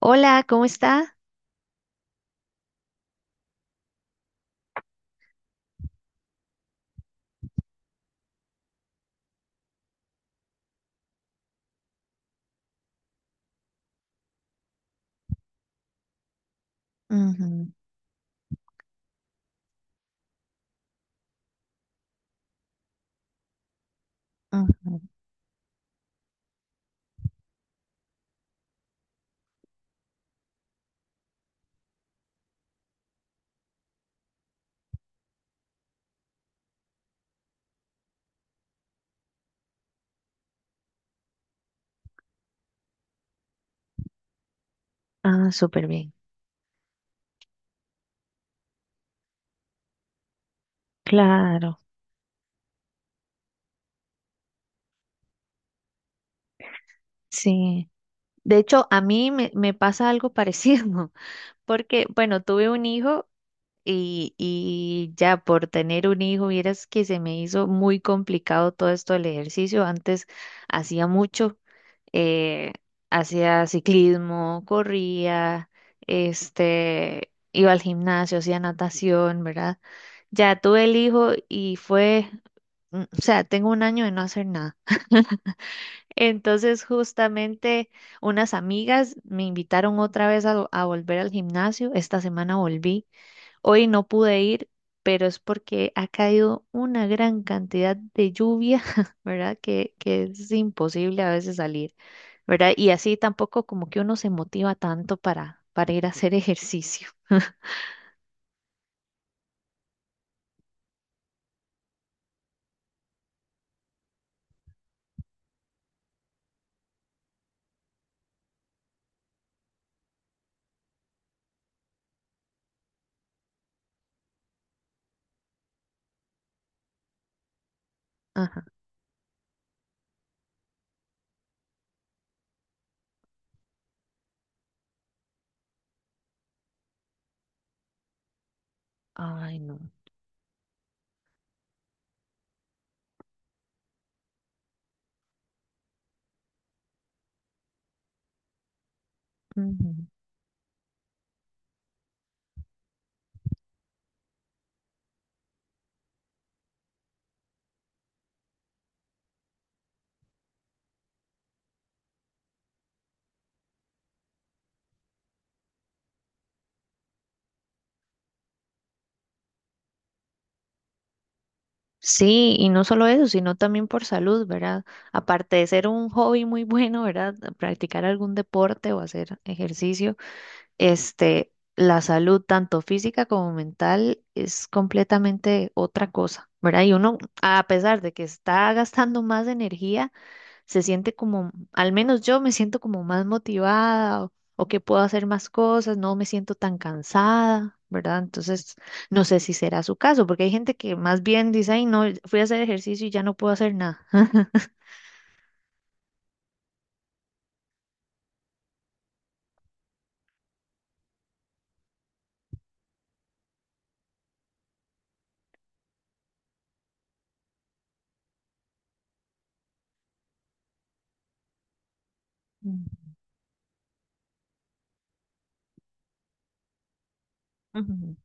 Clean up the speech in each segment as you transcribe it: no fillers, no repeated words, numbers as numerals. Hola, ¿cómo está? Ujú, ujú. Ah, súper bien. Claro, sí. De hecho, a mí me pasa algo parecido, porque, bueno, tuve un hijo y ya por tener un hijo, vieras que se me hizo muy complicado todo esto del ejercicio. Antes hacía mucho. eh, Hacía ciclismo, corría, este, iba al gimnasio, hacía natación, ¿verdad? Ya tuve el hijo y fue, o sea, tengo un año de no hacer nada. Entonces, justamente unas amigas me invitaron otra vez a volver al gimnasio. Esta semana volví. Hoy no pude ir, pero es porque ha caído una gran cantidad de lluvia, ¿verdad? Que es imposible a veces salir, ¿verdad? Y así tampoco como que uno se motiva tanto para ir a hacer ejercicio. Ajá. Ay, no. Ujú. Sí, y no solo eso, sino también por salud, ¿verdad? Aparte de ser un hobby muy bueno, ¿verdad? Practicar algún deporte o hacer ejercicio, este, la salud, tanto física como mental, es completamente otra cosa, ¿verdad? Y uno, a pesar de que está gastando más energía, se siente como, al menos yo me siento como más motivada o que puedo hacer más cosas, no me siento tan cansada. ¿Verdad? Entonces, no sé si será su caso, porque hay gente que más bien dice, ay, no, fui a hacer ejercicio y ya no puedo hacer nada. Ujú.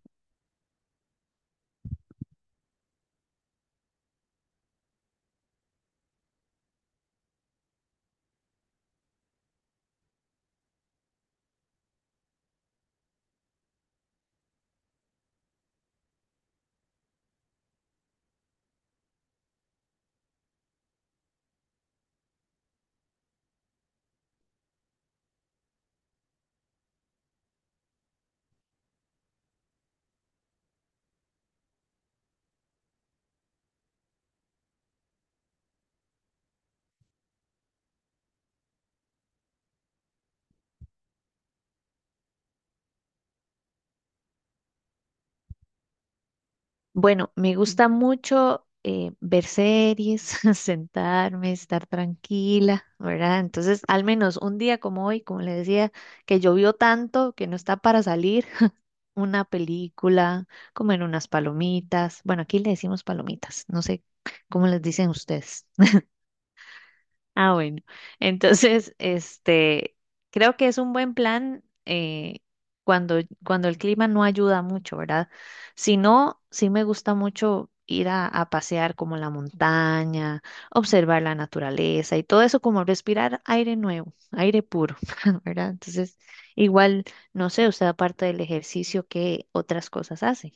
Bueno, me gusta mucho, ver series, sentarme, estar tranquila, ¿verdad? Entonces, al menos un día como hoy, como le decía, que llovió tanto que no está para salir, una película, comer unas palomitas. Bueno, aquí le decimos palomitas, no sé cómo les dicen ustedes. Ah, bueno. Entonces, este, creo que es un buen plan, cuando, cuando el clima no ayuda mucho, ¿verdad? Si no, sí me gusta mucho ir a pasear como la montaña, observar la naturaleza y todo eso, como respirar aire nuevo, aire puro, ¿verdad? Entonces, igual, no sé, usted aparte del ejercicio, ¿qué otras cosas hace?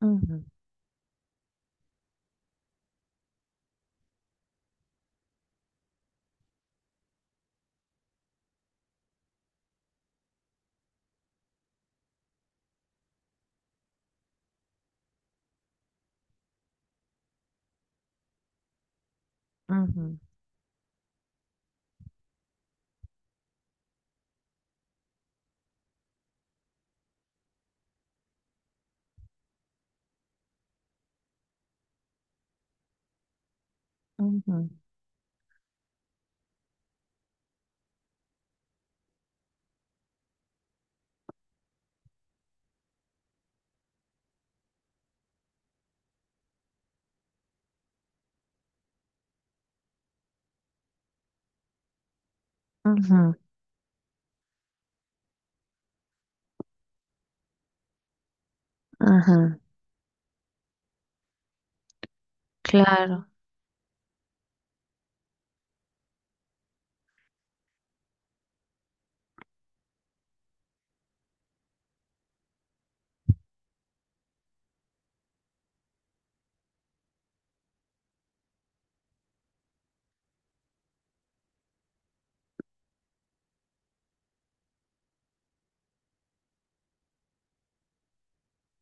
Ujú, ujú, ujú. Ujú, ujú, claro.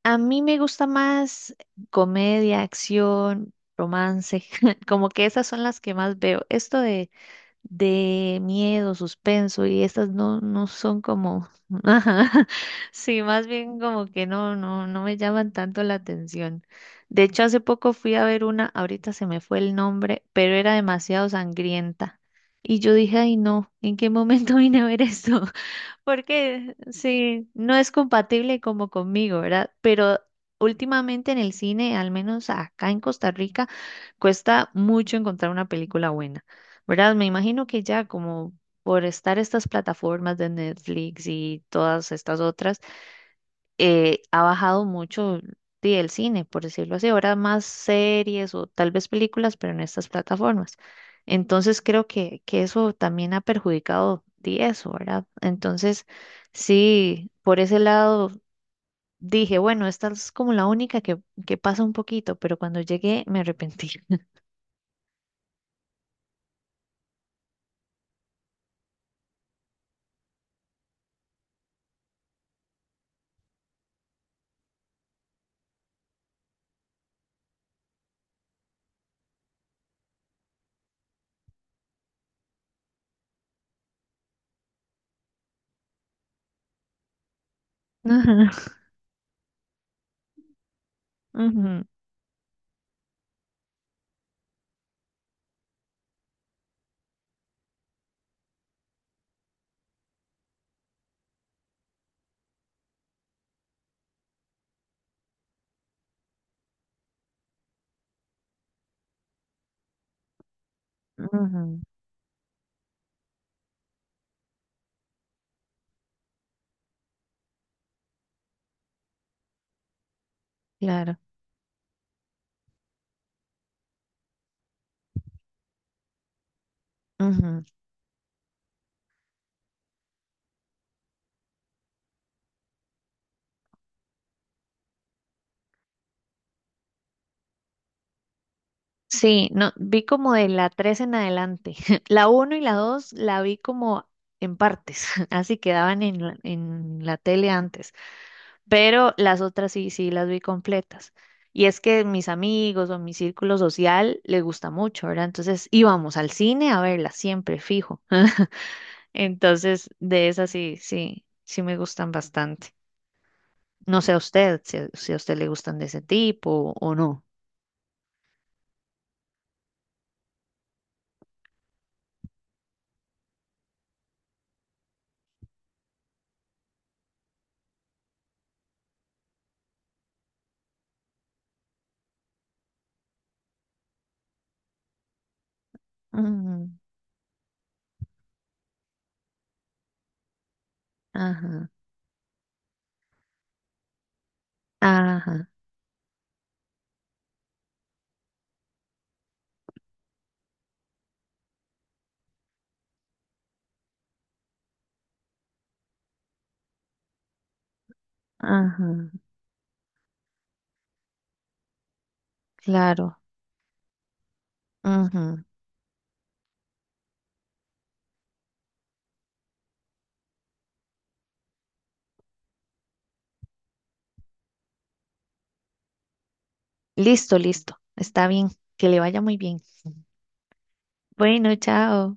A mí me gusta más comedia, acción, romance, como que esas son las que más veo. Esto de miedo, suspenso y estas no, no son como, ajá, sí, más bien como que no, no, no me llaman tanto la atención. De hecho, hace poco fui a ver una, ahorita se me fue el nombre, pero era demasiado sangrienta. Y yo dije, ay no, ¿en qué momento vine a ver esto? Porque sí, no es compatible como conmigo, ¿verdad? Pero últimamente en el cine, al menos acá en Costa Rica, cuesta mucho encontrar una película buena, ¿verdad? Me imagino que ya como por estar estas plataformas de Netflix y todas estas otras, ha bajado mucho, sí, el cine, por decirlo así. Ahora más series o tal vez películas, pero en estas plataformas. Entonces creo que eso también ha perjudicado di, eso, ¿verdad? Entonces, sí, por ese lado dije, bueno, esta es como la única que pasa un poquito, pero cuando llegué me arrepentí. Ujú, ujú, ujú, claro. Ujú. Sí, no, vi como de la 3 en adelante. La uno y la dos la vi como en partes, así quedaban en la tele antes, pero las otras sí, sí las vi completas. Y es que mis amigos o mi círculo social les gusta mucho, ¿verdad? Entonces íbamos al cine a verla siempre, fijo. Entonces, de esas sí, sí, sí me gustan bastante. No sé a usted, si, a si a usted le gustan de ese tipo o, no. Ujú. Ajá. Ajá, ajá, claro. Ujú. Listo, listo. Está bien. Que le vaya muy bien. Bueno, chao.